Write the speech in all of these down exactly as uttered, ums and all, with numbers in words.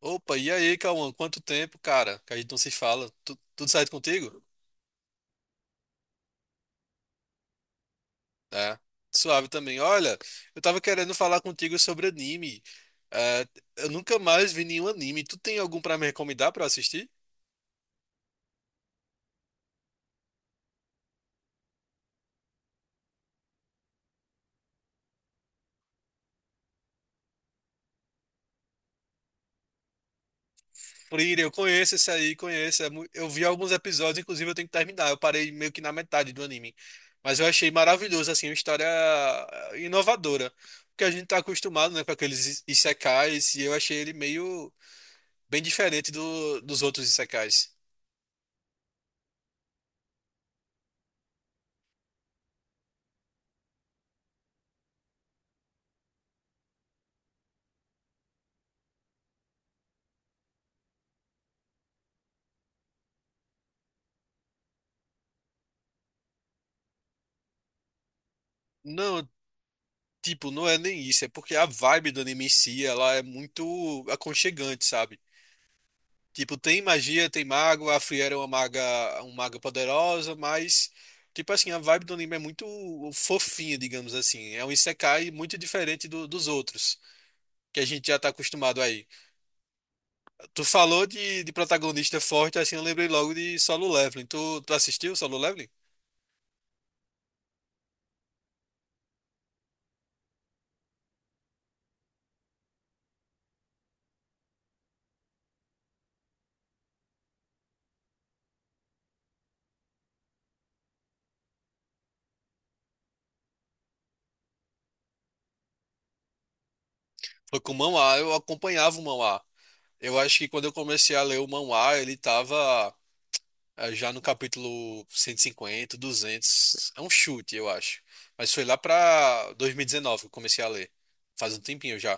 Opa, e aí, Cauã? Quanto tempo, cara, que a gente não se fala. Tu- tudo certo contigo? É, Suave também. Olha, eu tava querendo falar contigo sobre anime. É, eu nunca mais vi nenhum anime. Tu tem algum pra me recomendar pra eu assistir? Free, eu conheço esse aí, conheço. É mu- eu vi alguns episódios, inclusive eu tenho que terminar. Eu parei meio que na metade do anime. Mas eu achei maravilhoso, assim, uma história eh, inovadora. Porque a gente tá acostumado, né, com aqueles i- isekais, e eu achei ele meio bem diferente do, dos outros isekais. Não, tipo, não é nem isso. É porque a vibe do anime em si, ela é muito aconchegante, sabe? Tipo, tem magia, tem mago, a Friera é uma maga, uma maga poderosa, mas, tipo assim, a vibe do anime é muito fofinha, digamos assim. É um isekai muito diferente do- dos outros, que a gente já tá acostumado aí. Tu falou de, de protagonista forte, assim, eu lembrei logo de Solo Leveling. Tu, tu assistiu Solo Leveling? Foi com o Manhwa, eu acompanhava o Manhwa. Eu acho que quando eu comecei a ler o Manhwa, ele tava. Ah, já no capítulo cento e cinquenta, duzentos, é um chute, eu acho. Mas foi lá pra dois mil e dezenove que eu comecei a ler. Faz um tempinho já.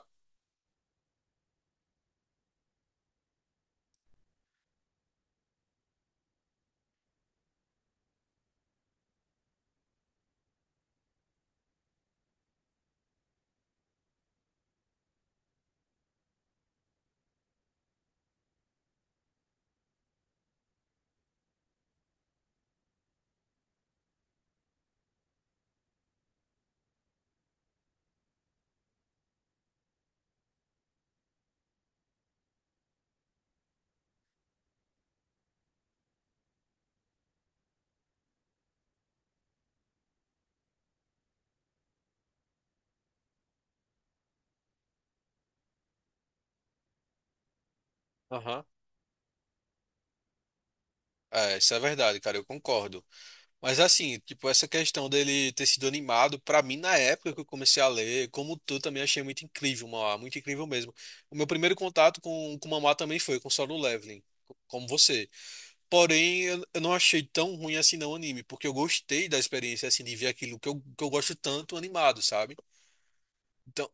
Aham. É, isso é verdade, cara, eu concordo. Mas assim, tipo, essa questão dele ter sido animado, pra mim, na época que eu comecei a ler, como tu, também achei muito incrível, Mauá, muito incrível mesmo. O meu primeiro contato com, com Mamá também foi com Solo Leveling, co- como você. Porém, eu, eu não achei tão ruim assim não o anime, porque eu gostei da experiência, assim, de ver aquilo que eu, que eu gosto tanto animado, sabe? Então,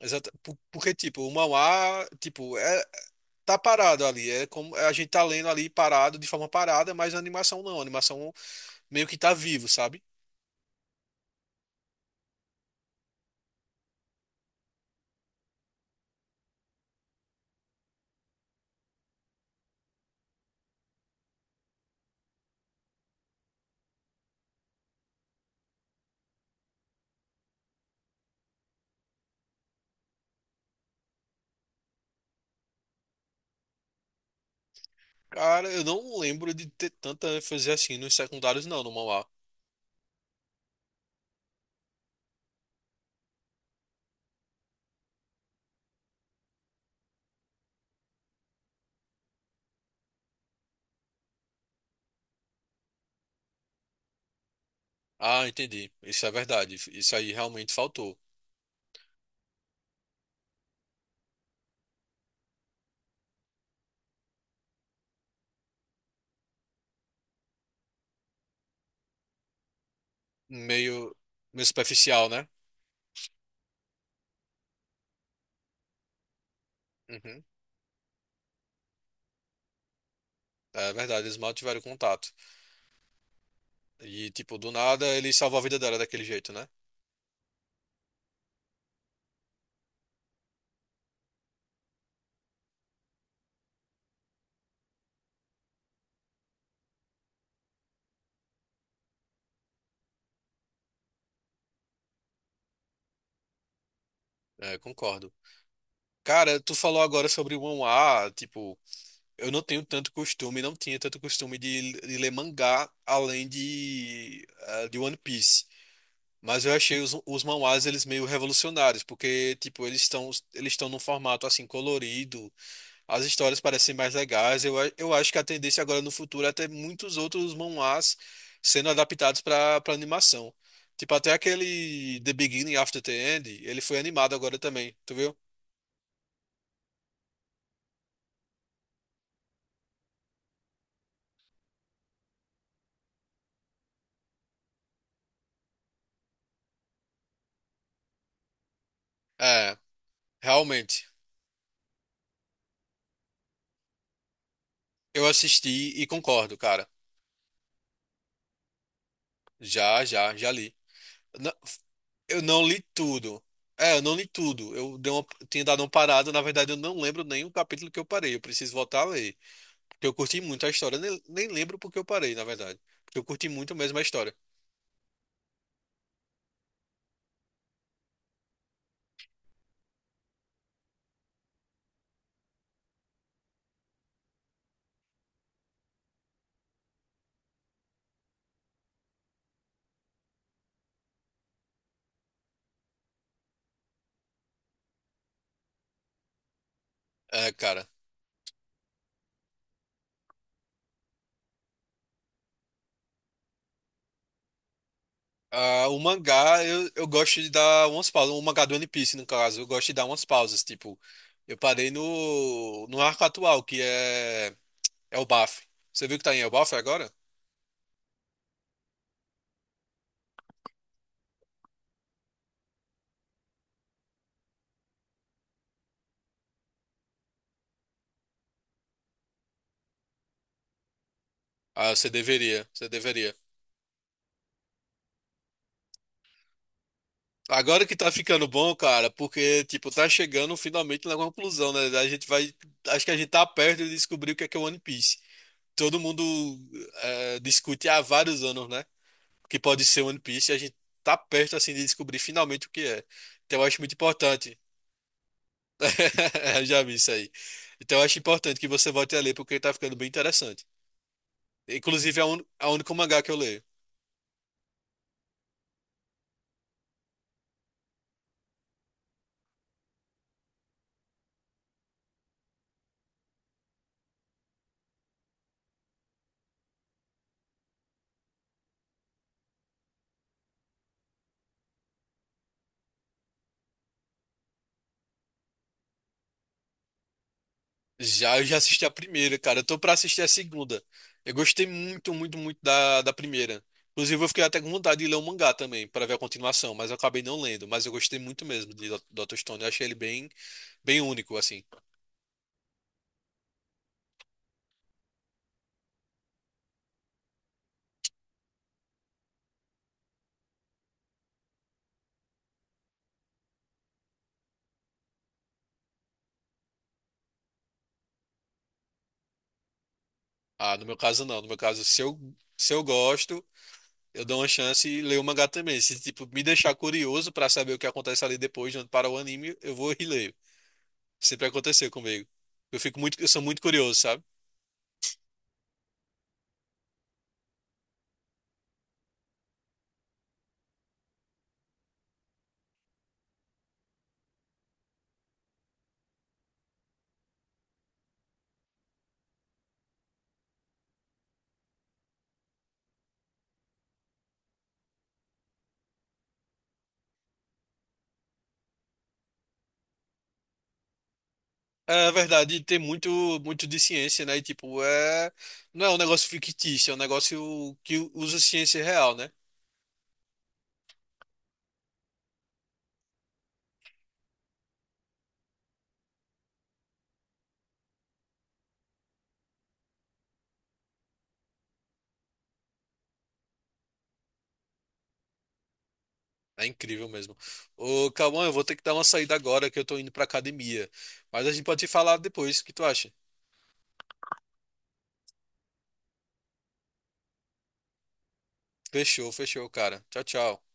exata, po- porque, tipo, o manhwa, tipo, é, tá parado ali. É como a gente tá lendo ali parado, de forma parada, mas a animação não. A animação meio que tá vivo, sabe? Cara, eu não lembro de ter tanta ênfase assim nos secundários, não, no manhwa. Ah, entendi. Isso é verdade. Isso aí realmente faltou. Meio, meio superficial, né? Uhum. É verdade, eles mal tiveram contato. E, tipo, do nada ele salvou a vida dela daquele jeito, né? É, concordo. Cara, tu falou agora sobre o manhwa, tipo. Eu não tenho tanto costume, não tinha tanto costume de, de ler mangá além de, ah, de One Piece. Mas eu achei os, os manhwas eles meio revolucionários, porque tipo, eles estão eles estão num formato assim colorido, as histórias parecem mais legais. Eu, a- eu acho que a tendência agora no futuro é ter muitos outros manhwas sendo adaptados para para animação. Tipo, até aquele The Beginning After the End, ele foi animado agora também, tu viu? É, realmente. Eu assisti e concordo, cara. Já, já, já li. Na- eu não li tudo. É, eu não li tudo. Eu dei uma, tinha dado uma parada. Na verdade, eu não lembro nem o capítulo que eu parei. Eu preciso voltar a ler. Porque eu curti muito a história. Nem, nem lembro porque eu parei, na verdade. Porque eu curti muito mesmo a história. É, cara. Ah, o mangá, eu, eu gosto de dar umas pausas. O mangá do One Piece, no caso. Eu gosto de dar umas pausas. Tipo, eu parei no, no arco atual, que é, é o Elbaf. Você viu que tá em Elbaf agora? Ah, você deveria. Você deveria. Agora que tá ficando bom, cara, porque, tipo, tá chegando finalmente na conclusão, né? A gente vai. Acho que a gente tá perto de descobrir o que é que é One Piece. Todo mundo eh, discute há vários anos, né? O que pode ser One Piece e a gente tá perto, assim, de descobrir finalmente o que é. Então eu acho muito importante. Eu já vi isso aí. Então eu acho importante que você volte a ler, porque tá ficando bem interessante. Inclusive, é o un- é o único mangá que eu leio. Já, eu já assisti a primeira, cara. Eu tô pra assistir a segunda. Eu gostei muito, muito, muito da, da primeira. Inclusive, eu fiquei até com vontade de ler o mangá também, pra ver a continuação, mas eu acabei não lendo. Mas eu gostei muito mesmo de Do- doutor Stone. Eu achei ele bem, bem único, assim. Ah, no meu caso, não. No meu caso, se eu, se eu gosto, eu dou uma chance e leio o mangá também. Se, tipo, me deixar curioso pra saber o que acontece ali depois, de onde para o anime, eu vou e leio. Sempre aconteceu comigo. Eu fico muito, eu sou muito curioso, sabe? É verdade, tem muito, muito de ciência, né? E, tipo, é... não é um negócio fictício, é um negócio que usa ciência real, né? É incrível mesmo. Ô, Cauã, eu vou ter que dar uma saída agora que eu tô indo pra academia. Mas a gente pode falar depois, o que tu acha? Fechou, fechou, cara. Tchau, tchau.